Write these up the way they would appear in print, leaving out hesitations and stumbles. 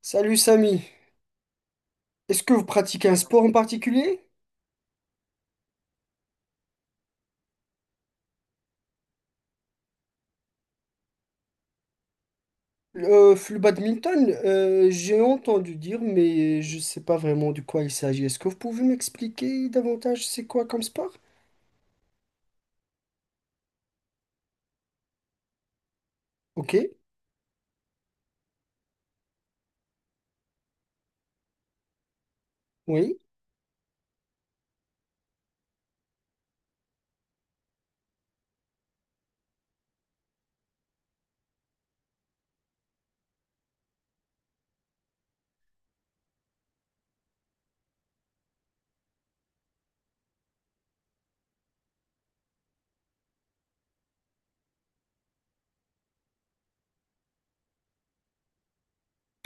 Salut Samy, est-ce que vous pratiquez un sport en particulier? Le badminton, j'ai entendu dire, mais je ne sais pas vraiment de quoi il s'agit. Est-ce que vous pouvez m'expliquer davantage c'est quoi comme sport? Ok, oui.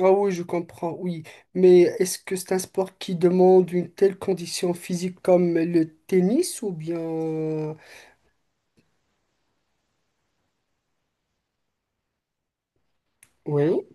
Ah oui, je comprends, oui. Mais est-ce que c'est un sport qui demande une telle condition physique comme le tennis ou bien... Oui.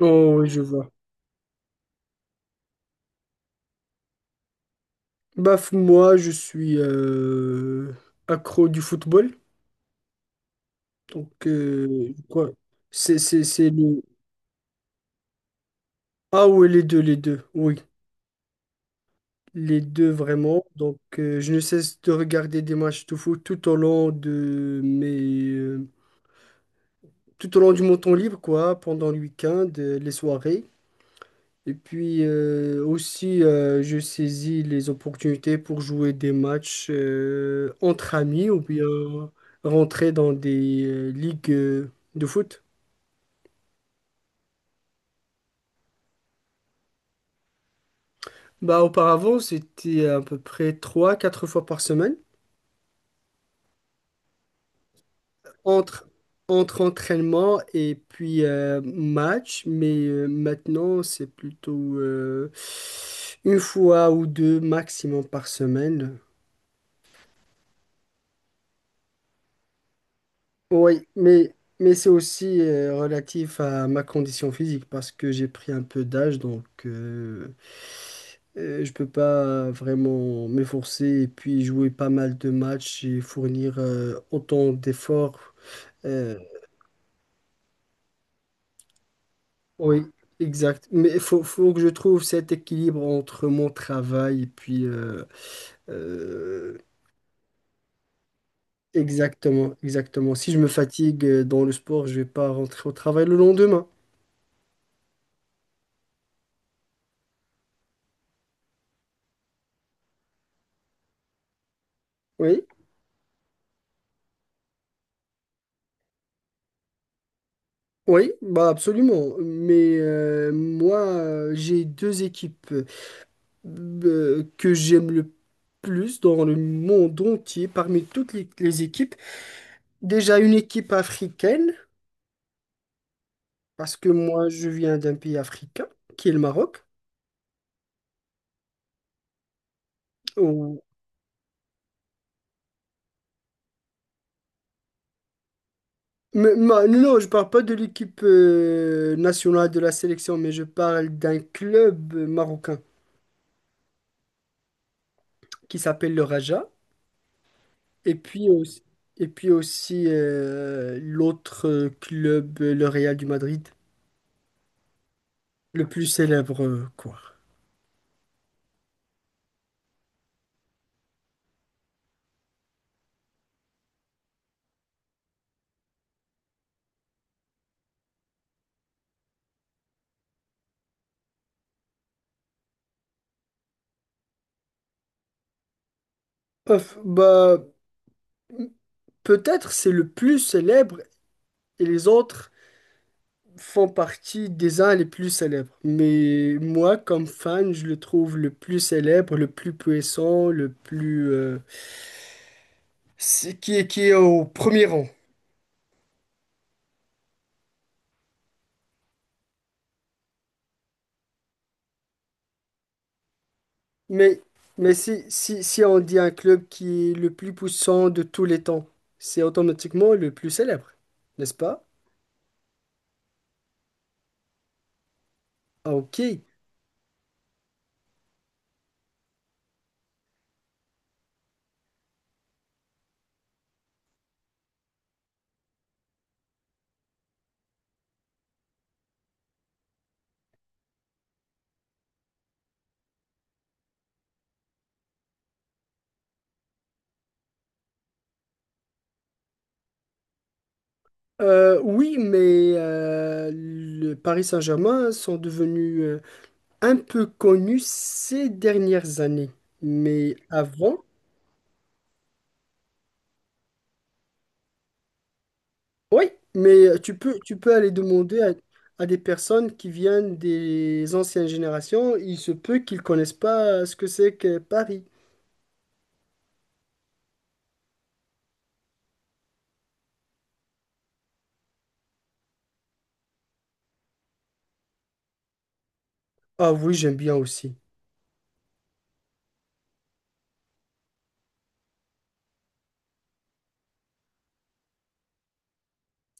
Oh, oui, je vois. Bah, moi, je suis accro du football. Donc, quoi? C'est le... Ah oui, les deux, oui. Les deux, vraiment. Donc, je ne cesse de regarder des matchs de foot tout au long de mes... tout au long du mon temps libre, quoi, pendant le week-end, les soirées. Et puis, aussi, je saisis les opportunités pour jouer des matchs entre amis ou bien rentrer dans des ligues de foot. Bah, auparavant, c'était à peu près trois quatre fois par semaine. entre, entre entraînement et puis match, mais maintenant c'est plutôt une fois ou deux maximum par semaine. Oui, mais c'est aussi relatif à ma condition physique parce que j'ai pris un peu d'âge, donc je peux pas vraiment m'efforcer et puis jouer pas mal de matchs et fournir autant d'efforts. euh, Oui, exact. Mais il faut que je trouve cet équilibre entre mon travail et puis... euh, exactement, exactement. Si je me fatigue dans le sport, je vais pas rentrer au travail le lendemain. Oui, oui, bah absolument. Mais moi, j'ai deux équipes que j'aime le plus dans le monde entier, parmi toutes les équipes. Déjà une équipe africaine, parce que moi, je viens d'un pays africain, qui est le Maroc. Mais, non, je parle pas de l'équipe nationale de la sélection, mais je parle d'un club marocain qui s'appelle le Raja. Et puis aussi, et puis aussi l'autre club, le Real du Madrid, le plus célèbre, quoi. Ouf, bah, peut-être c'est le plus célèbre et les autres font partie des uns les plus célèbres. Mais moi, comme fan, je le trouve le plus célèbre, le plus puissant, le plus... qui est au premier rang. Mais, mais si, si, si on dit un club qui est le plus puissant de tous les temps, c'est automatiquement le plus célèbre, n'est-ce pas? Ah, ok. Oui, mais le Paris Saint-Germain sont devenus un peu connus ces dernières années. Mais avant, oui, mais tu peux aller demander à des personnes qui viennent des anciennes générations, il se peut qu'ils connaissent pas ce que c'est que Paris. Ah oui, j'aime bien aussi.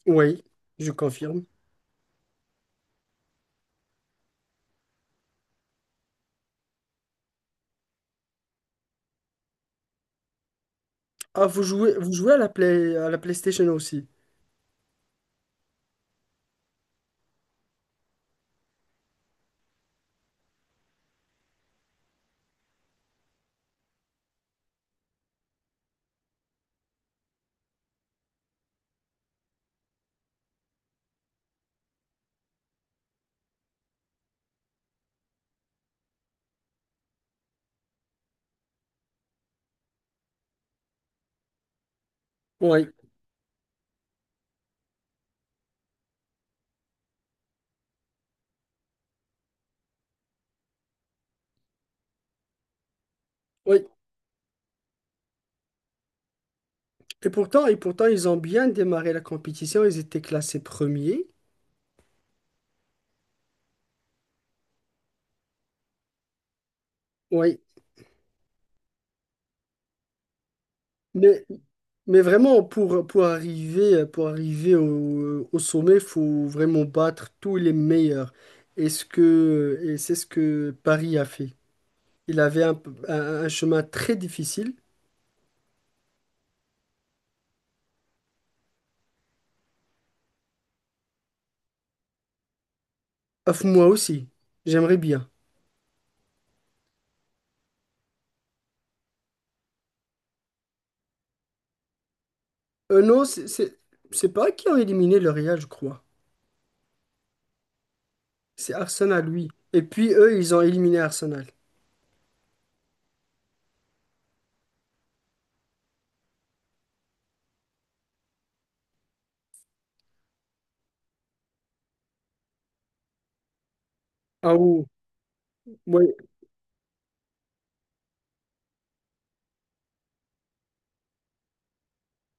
Oui, je confirme. Ah, vous jouez à la Play, à la PlayStation aussi. Oui, oui. Et pourtant, ils ont bien démarré la compétition. Ils étaient classés premiers. Oui. Mais, mais vraiment, pour arriver au, au sommet, il faut vraiment battre tous les meilleurs. Et ce que, et c'est ce que Paris a fait. Il avait un, un chemin très difficile. Ah, moi aussi. J'aimerais bien. Non, c'est pas eux qui ont éliminé le Real, je crois. C'est Arsenal, oui. Et puis eux, ils ont éliminé Arsenal. Ah oui, oui,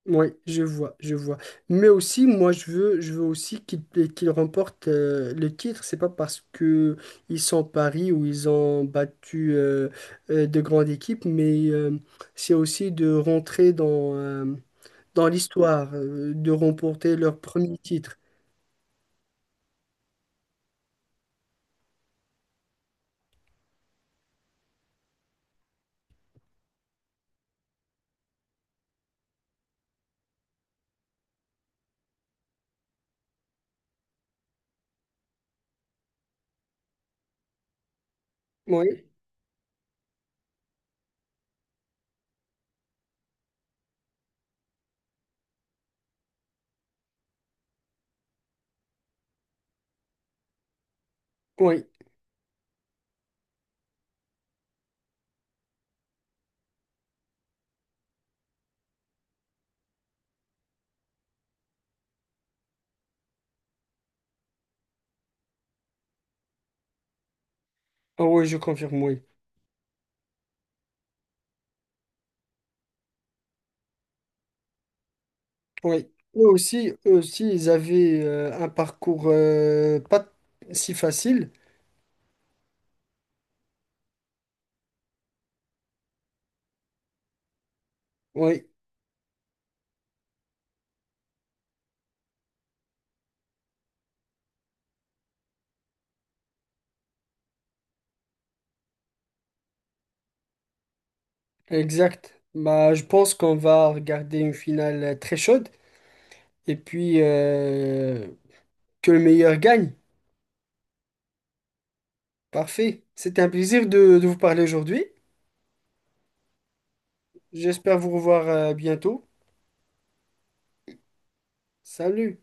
oui, je vois, je vois. Mais aussi, moi, je veux aussi qu'ils qu'ils remportent le titre. C'est pas parce que ils sont Paris ou ils ont battu de grandes équipes, mais c'est aussi de rentrer dans, dans l'histoire, de remporter leur premier titre. Oui, oui, ah oui, je confirme, oui. Oui, eux aussi, ils avaient un parcours pas si facile. Oui, exact. Bah, je pense qu'on va regarder une finale très chaude et puis que le meilleur gagne. Parfait. C'était un plaisir de vous parler aujourd'hui. J'espère vous revoir bientôt. Salut.